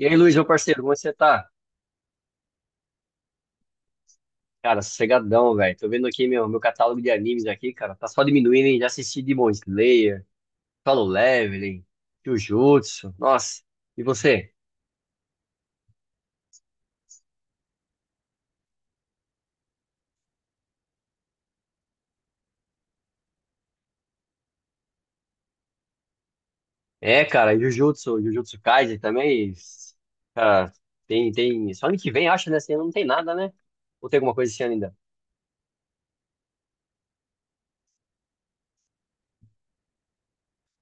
E aí, Luiz, meu parceiro, como você tá? Cara, sossegadão, velho. Tô vendo aqui meu catálogo de animes aqui, cara. Tá só diminuindo, hein? Já assisti Demon Slayer, Solo Leveling, Jujutsu. Nossa, e você? É, cara, Jujutsu Kaisen também. Cara, tem... Só ano que vem, acho, né? Esse ano não tem nada, né? Ou tem alguma coisa esse ano ainda?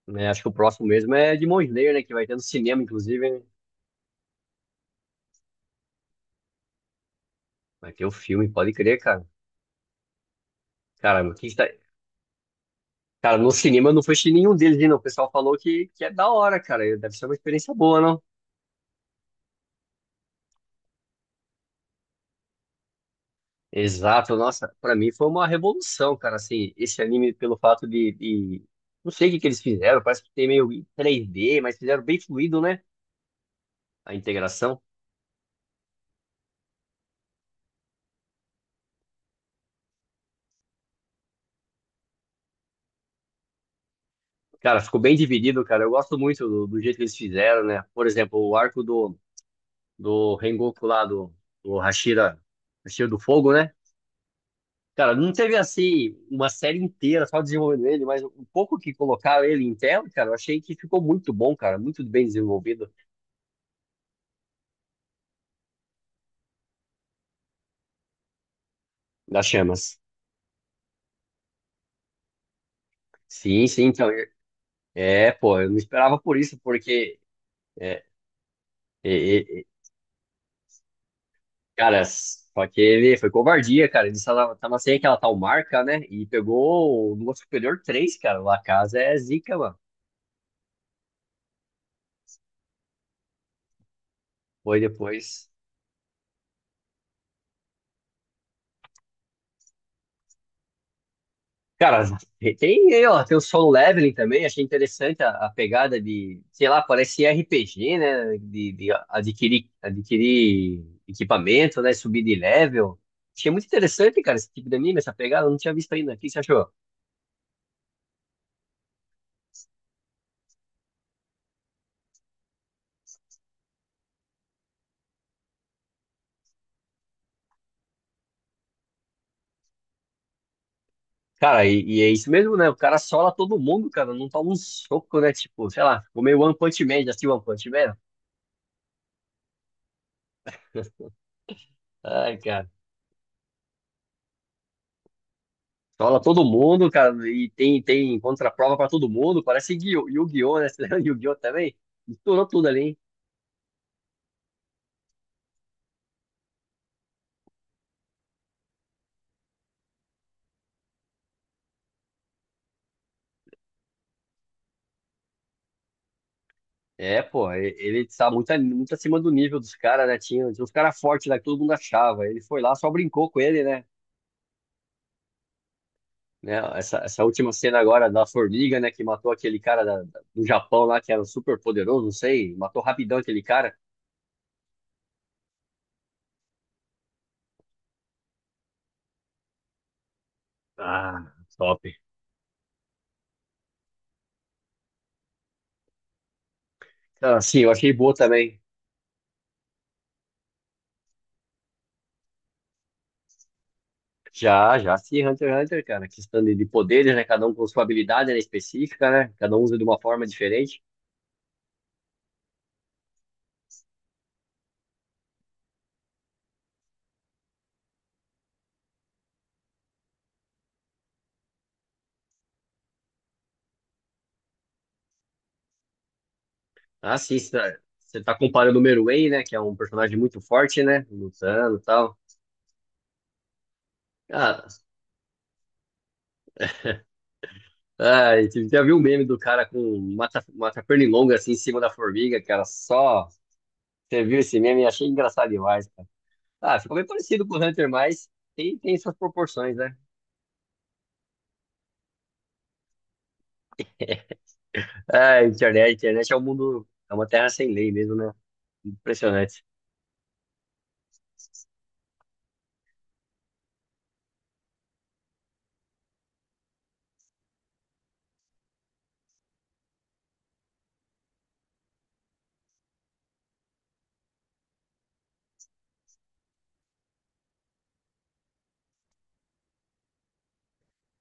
Né, acho que o próximo mesmo é Demon Slayer, né? Que vai ter no cinema, inclusive, né? Vai ter o filme, pode crer, cara. Cara, o que que tá... Cara, no cinema eu não fui assistir nenhum deles, não. O pessoal falou que é da hora, cara. Deve ser uma experiência boa, não? Exato, nossa, pra mim foi uma revolução, cara, assim, esse anime pelo fato de. Não sei o que que eles fizeram, parece que tem meio 3D, mas fizeram bem fluido, né? A integração. Cara, ficou bem dividido, cara. Eu gosto muito do jeito que eles fizeram, né? Por exemplo, o arco do Rengoku lá, do Hashira, Hashira do Fogo, né? Cara, não teve assim uma série inteira só desenvolvendo ele, mas o pouco que colocaram ele em tela, cara, eu achei que ficou muito bom, cara, muito bem desenvolvido das chamas. Sim, sim, então, é, é, pô, eu não esperava por isso, porque, é, é, é, é, cara, só que ele foi covardia, cara, ele tava, tava sem aquela tal marca, né, e pegou o Lua Superior três cara, o La Casa é zica, mano. Foi depois. Cara, tem, ó, tem o solo leveling também, achei interessante a pegada de, sei lá, parece RPG, né? De, adquirir, adquirir equipamento, né? Subir de level. Achei muito interessante, cara, esse tipo de anime, essa pegada, eu não tinha visto ainda. O que você achou? Cara, e é isso mesmo, né? O cara sola todo mundo, cara, não toma um soco, né? Tipo, sei lá, ficou meio One Punch Man, já assistiu One Punch Man? Ai, cara. Sola todo mundo, cara, e tem, tem contraprova pra todo mundo, parece Yu-Gi-Oh, né? Yu-Gi-Oh também. Misturou tudo ali, hein? É, pô, ele está muito, muito acima do nível dos caras, né? Tinha, tinha uns caras fortes lá que todo mundo achava. Ele foi lá, só brincou com ele, né? Né, Essa última cena agora da formiga, né? Que matou aquele cara do Japão lá, que era super poderoso, não sei. Matou rapidão aquele cara. Ah, top. Então, assim, eu achei boa também. Já, já, sim, Hunter x Hunter, cara. Questão de poderes, né? Cada um com sua habilidade, né, específica, né? Cada um usa de uma forma diferente. Ah, sim, você tá comparando o Meruem, né? Que é um personagem muito forte, né? Lutando e tal. Ah, ai, você já viu o meme do cara com mata pernilonga assim em cima da formiga, cara? Só você viu esse meme e achei engraçado demais, cara. Ah, ficou bem parecido com o Hunter, mas tem, tem suas proporções, né? Ah, internet é um mundo, é uma terra sem lei mesmo, né? Impressionante.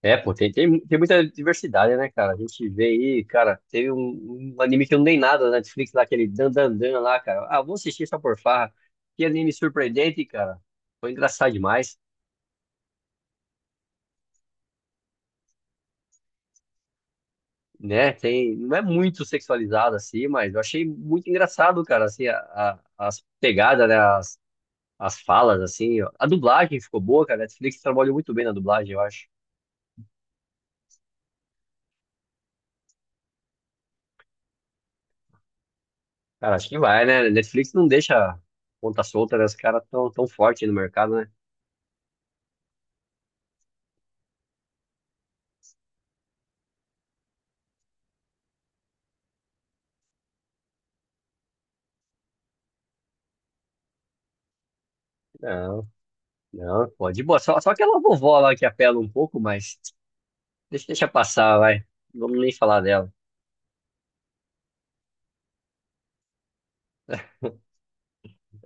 É, pô, tem muita diversidade, né, cara? A gente vê aí, cara, teve um, um anime que eu não dei nada na Netflix lá, aquele Dan Dan Dan lá, cara. Ah, vou assistir só por farra. Que anime surpreendente, cara. Foi engraçado demais. Né? Tem, não é muito sexualizado assim, mas eu achei muito engraçado, cara, assim, as pegadas, né? As falas, assim, ó. A dublagem ficou boa, cara. A Netflix trabalhou muito bem na dublagem, eu acho. Cara, acho que vai, né? Netflix não deixa ponta solta, né? Os caras tão forte no mercado, né? Não, não, pode. Boa, só aquela vovó lá que apela um pouco, mas deixa passar, vai. Não vamos nem falar dela.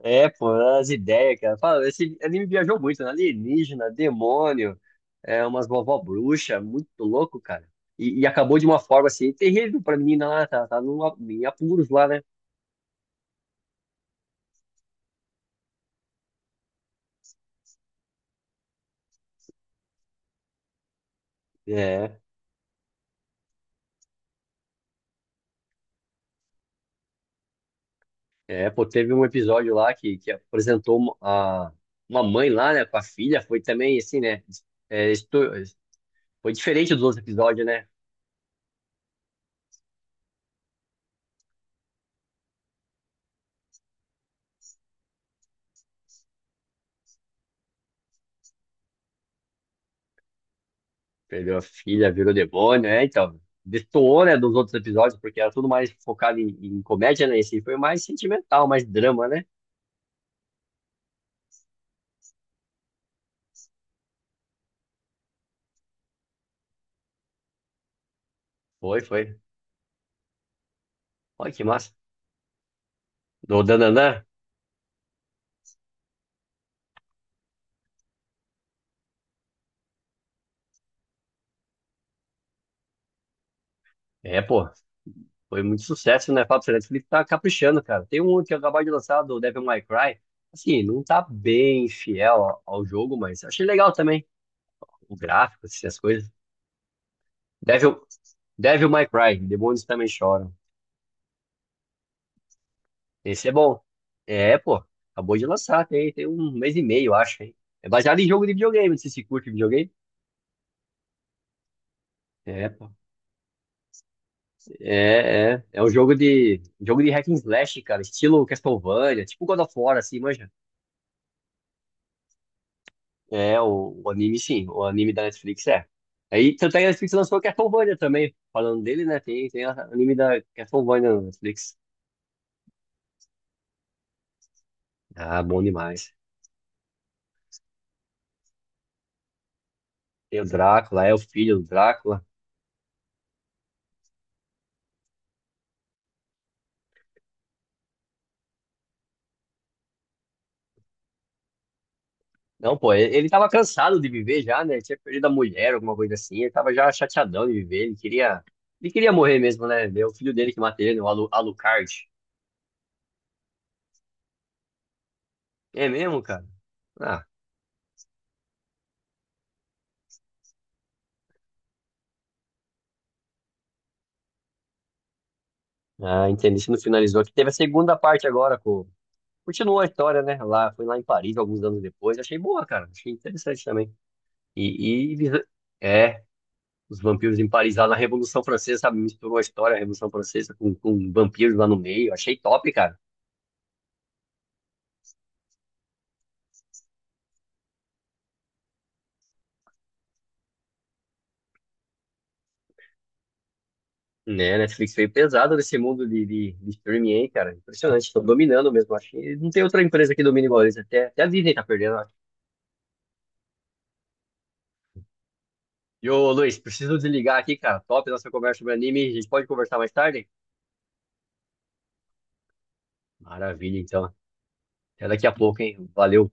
É, pô, as ideias, cara. Fala, esse anime viajou muito, né? Alienígena, demônio, é, umas vovó bruxa, muito louco, cara. E acabou de uma forma assim, terrível pra menina lá, tá, tá num, em apuros lá, né? É, é, pô, teve um episódio lá que apresentou uma, uma mãe lá, né, com a filha, foi também assim, né? É, foi diferente dos outros episódios, né? Perdeu a filha, virou demônio, é, então. Destoou, né, dos outros episódios, porque era tudo mais focado em, em comédia, né? Esse foi mais sentimental, mais drama, né? Foi, foi. Olha que massa. Do Dananã. É, pô. Foi muito sucesso, né? Fábio Fernandes Felipe tá caprichando, cara. Tem um que eu acabei de lançar, do Devil May Cry. Assim, não tá bem fiel ao, ao jogo, mas achei legal também. O gráfico, assim, as coisas. Devil, Devil May Cry, Demônios Também Choram. Esse é bom. É, pô. Acabou de lançar, tem, tem um mês e meio, eu acho, hein? É baseado em jogo de videogame, não sei se curte videogame. É, pô. É, é. É um jogo de hack and slash, cara, estilo Castlevania, tipo God of War, assim, manja. É, o anime, sim, o anime da Netflix é. Aí, tanto é que a Netflix lançou Castlevania também. Falando dele, né? Tem, tem anime da Castlevania na Netflix. Ah, bom demais. Tem o Drácula, é o filho do Drácula. Não, pô, ele tava cansado de viver já, né? Tinha perdido a mulher, alguma coisa assim. Ele tava já chateadão de viver. Ele queria morrer mesmo, né? É o filho dele que mata ele, né? O Alucard. É mesmo, cara? Ah, entendi. Isso não finalizou. Aqui teve a segunda parte agora, com... Continuou a história, né? Lá, foi lá em Paris alguns anos depois. Achei boa, cara. Achei interessante também. E, e- é, os vampiros em Paris lá na Revolução Francesa, sabe? Misturou a história da Revolução Francesa com vampiros lá no meio. Achei top, cara. Né, a Netflix veio pesado nesse mundo de streaming aí, cara. Impressionante, estão dominando mesmo. Acho que não tem outra empresa que domine igual eles. Até a Disney tá perdendo, acho. E ô, Luiz, preciso desligar aqui, cara. Top nossa conversa sobre anime. A gente pode conversar mais tarde? Maravilha, então. Até daqui a pouco, hein? Valeu.